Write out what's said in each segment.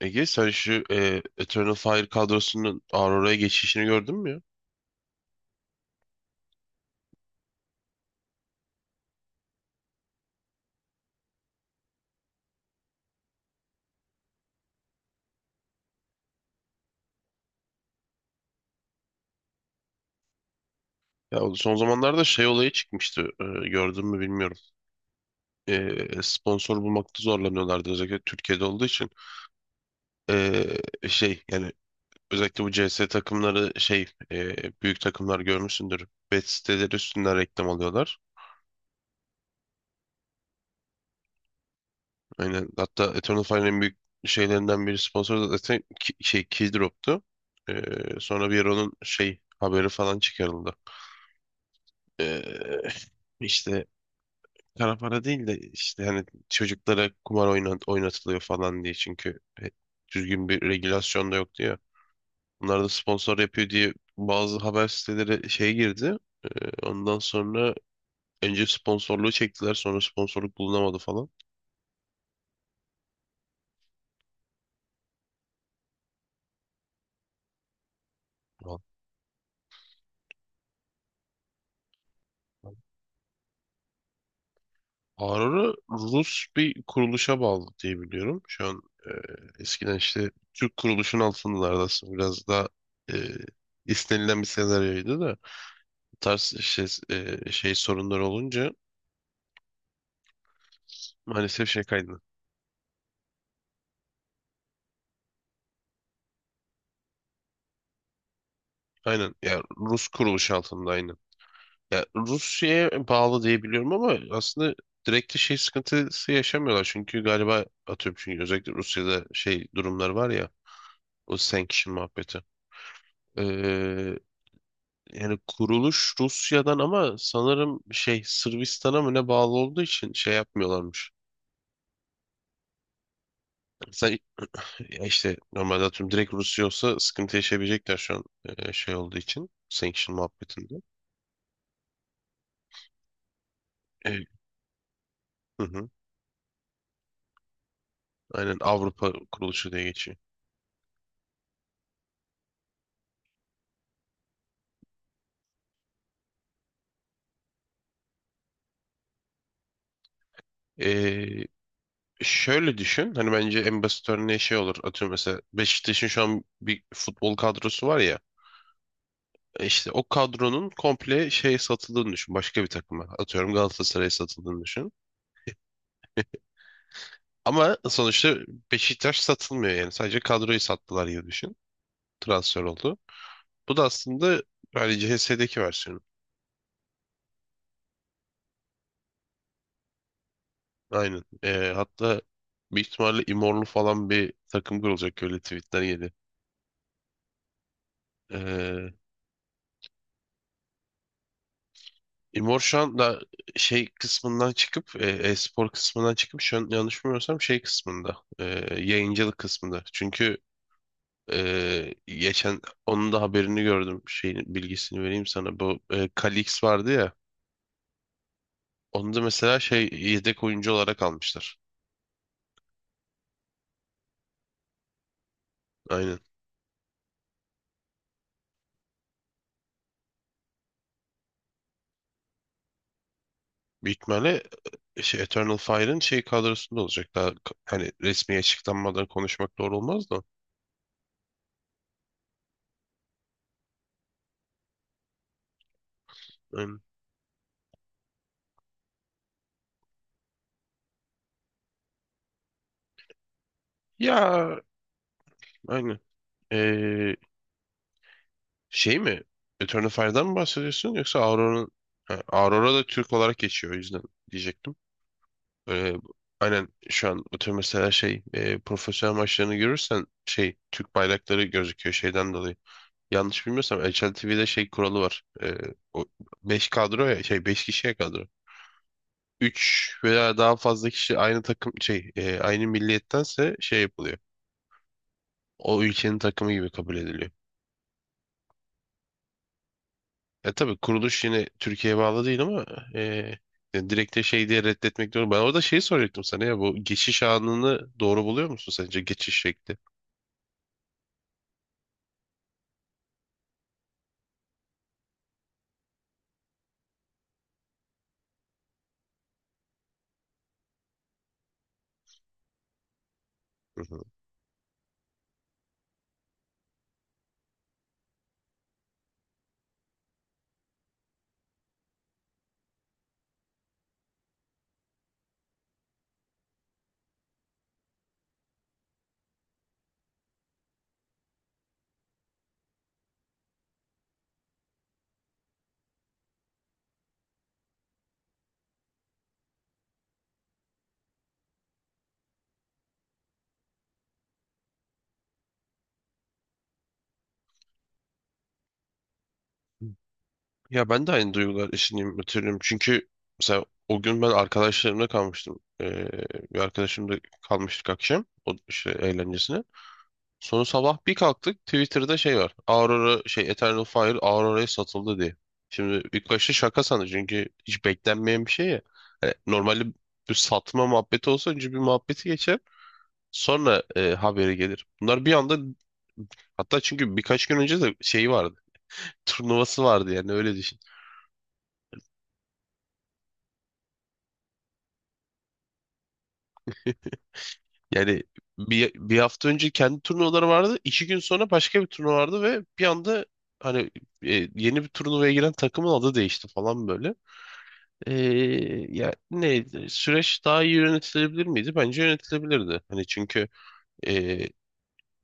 Ege sen şu Eternal Fire kadrosunun Aurora'ya geçişini gördün mü ya? Ya o son zamanlarda şey olayı çıkmıştı. Gördün mü bilmiyorum. Sponsor bulmakta zorlanıyorlardı özellikle Türkiye'de olduğu için. Şey yani özellikle bu CS takımları şey e, büyük takımlar görmüşsündür. Bet siteleri üstünden reklam alıyorlar. Aynen. Hatta Eternal Fire'ın en büyük şeylerinden biri sponsoru da zaten şey Keydrop'tu. E, Sonra bir ara onun şey haberi falan çıkarıldı. E, işte kara para değil de işte hani çocuklara kumar oynatılıyor falan diye çünkü düzgün bir regülasyon da yok diyor. Bunlar da sponsor yapıyor diye bazı haber siteleri şey girdi. E, Ondan sonra önce sponsorluğu çektiler sonra sponsorluk bulunamadı falan. Vallahi. Aurora Rus bir kuruluşa bağlı diye biliyorum. Şu an e, eskiden işte Türk kuruluşun altındalardı aslında biraz daha e, istenilen bir senaryoydu da bu tarz şey, şey sorunları olunca maalesef şey kaydına. Aynen. Ya Rus kuruluş altında aynen. Ya Rusya'ya bağlı diye biliyorum ama aslında direkt de şey sıkıntısı yaşamıyorlar. Çünkü galiba atıyorum çünkü özellikle Rusya'da şey durumlar var ya o sanction muhabbeti. Ee, Yani kuruluş Rusya'dan ama sanırım şey Sırbistan'a mı ne bağlı olduğu için şey yapmıyorlarmış. Sen, Ya işte normalde atıyorum direkt Rusya olsa sıkıntı yaşayabilecekler şu an şey olduğu için sanction muhabbetinde. Ee, hı hı. Aynen Avrupa kuruluşu diye geçiyor. Ee, Şöyle düşün. Hani bence en basit örneği şey olur. Atıyorum mesela Beşiktaş'ın şu an bir futbol kadrosu var ya. İşte o kadronun komple şey satıldığını düşün. Başka bir takıma. Atıyorum Galatasaray'a satıldığını düşün. Ama sonuçta Beşiktaş satılmıyor yani. Sadece kadroyu sattılar gibi düşün. Transfer oldu. Bu da aslında hani CHS'deki versiyonu. Aynen. Hatta büyük ihtimalle İmorlu falan bir takım kurulacak, öyle tweetler geldi. İmor şu anda şey kısmından çıkıp e-spor kısmından çıkıp şu an yanlış bilmiyorsam şey kısmında yayıncılık kısmında. Çünkü geçen onun da haberini gördüm, şeyin bilgisini vereyim sana. Bu Kalix vardı ya. Onu da mesela şey yedek oyuncu olarak almışlar. Aynen. Büyük ihtimalle şey, Eternal Fire'ın şey kadrosunda olacak. Daha hani resmi açıklanmadan konuşmak doğru olmaz da. Aynen. Ya aynen. E, Şey mi? Eternal Fire'dan mı bahsediyorsun yoksa Aurora'nın? Ha, Aurora da Türk olarak geçiyor, o yüzden diyecektim. Böyle aynen şu an o tür mesela şey profesyonel maçlarını görürsen şey Türk bayrakları gözüküyor şeyden dolayı. Yanlış bilmiyorsam HLTV'de TV'de şey kuralı var. O 5 kadro ya, şey 5 kişiye kadro. 3 veya daha fazla kişi aynı takım şey aynı milliyettense şey yapılıyor. O ülkenin takımı gibi kabul ediliyor. Tabii kuruluş yine Türkiye'ye bağlı değil ama e, yani direkt de şey diye reddetmek diyorum. Ben orada şeyi soracaktım sana, ya bu geçiş anını doğru buluyor musun, sence geçiş şekli? Hı hı. Ya ben de aynı duygular içindeyim, hatırlıyorum. Çünkü mesela o gün ben arkadaşlarımla kalmıştım. Bir arkadaşımla kalmıştık akşam o işte eğlencesine. Sonra sabah bir kalktık, Twitter'da şey var. Aurora şey Eternal Fire Aurora'ya satıldı diye. Şimdi ilk başta şaka sandı çünkü hiç beklenmeyen bir şey ya. Hani normalde bir satma muhabbeti olsa önce bir muhabbeti geçer. Sonra haberi gelir. Bunlar bir anda, hatta çünkü birkaç gün önce de şeyi vardı. Turnuvası vardı yani, öyle düşün. Yani bir hafta önce kendi turnuvaları vardı. 2 gün sonra başka bir turnuva vardı ve bir anda hani yeni bir turnuvaya giren takımın adı değişti falan böyle. Ee, Ya ne, süreç daha iyi yönetilebilir miydi? Bence yönetilebilirdi. Hani e,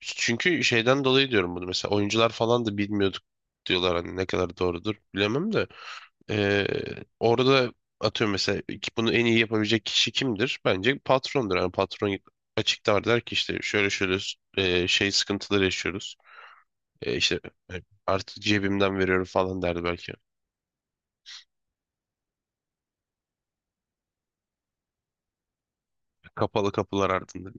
çünkü şeyden dolayı diyorum bunu. Mesela oyuncular falan da bilmiyorduk diyorlar, hani ne kadar doğrudur bilemem de. Ee, Orada atıyorum mesela ki bunu en iyi yapabilecek kişi kimdir? Bence patrondur. Yani patron açıklar, der ki işte şöyle şöyle şey sıkıntıları yaşıyoruz. İşte e, artık cebimden veriyorum falan derdi belki. Kapalı kapılar ardında.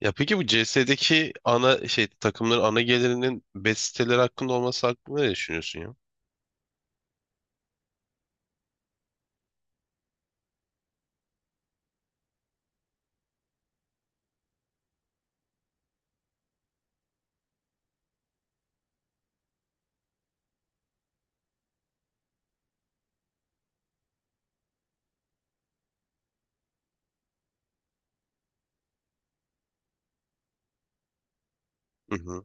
Ya peki bu CS'deki ana şey, takımların ana gelirinin bet siteleri hakkında olması hakkında ne düşünüyorsun ya? Hı hı.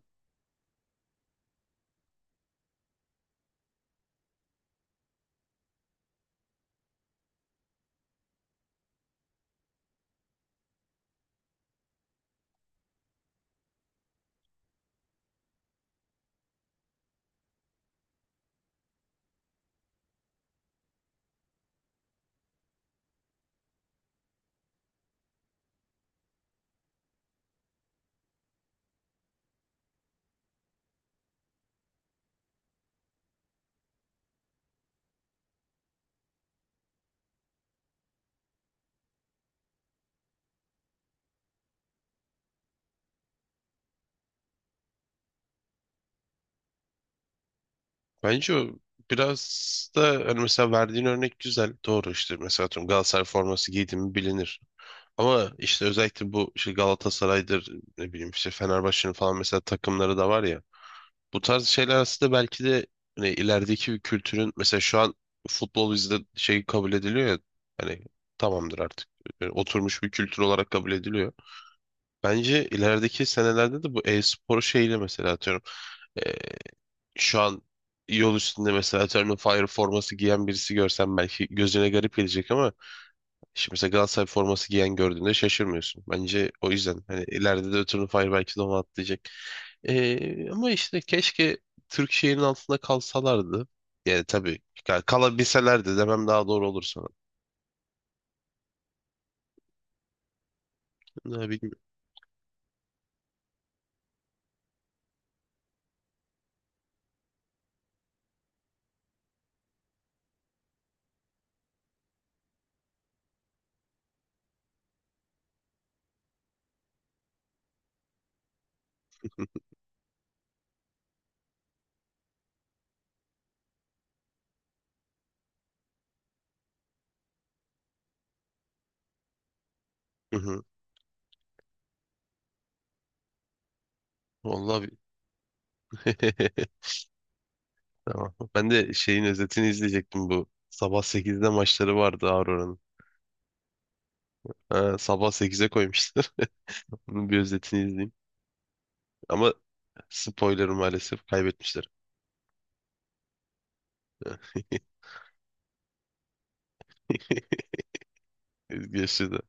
Bence o biraz da hani, mesela verdiğin örnek güzel. Doğru işte, mesela atıyorum Galatasaray forması giydi mi bilinir. Ama işte özellikle bu işte Galatasaray'dır, ne bileyim işte Fenerbahçe'nin falan mesela takımları da var ya. Bu tarz şeyler aslında belki de hani ilerideki bir kültürün, mesela şu an futbol bizde şey kabul ediliyor ya, hani tamamdır artık. Yani oturmuş bir kültür olarak kabul ediliyor. Bence ilerideki senelerde de bu e-spor şeyle, mesela atıyorum. e, Şu an yol üstünde mesela atıyorum Fire forması giyen birisi görsem belki gözüne garip gelecek ama şimdi mesela Galatasaray forması giyen gördüğünde şaşırmıyorsun. Bence o yüzden hani ileride de ötürü Fire belki de onu atlayacak. Ama işte keşke Türk şehrinin altında kalsalardı. Yani tabii kalabilselerdi demem daha doğru olur sana. Ne bileyim. Vallahi bi- Tamam. Ben de şeyin özetini izleyecektim bu. Sabah 8'de maçları vardı Aurora'nın. Ha, sabah 8'e koymuşlar. Bunun bir özetini izleyeyim. Ama spoiler maalesef kaybetmişler. Görüşürüz.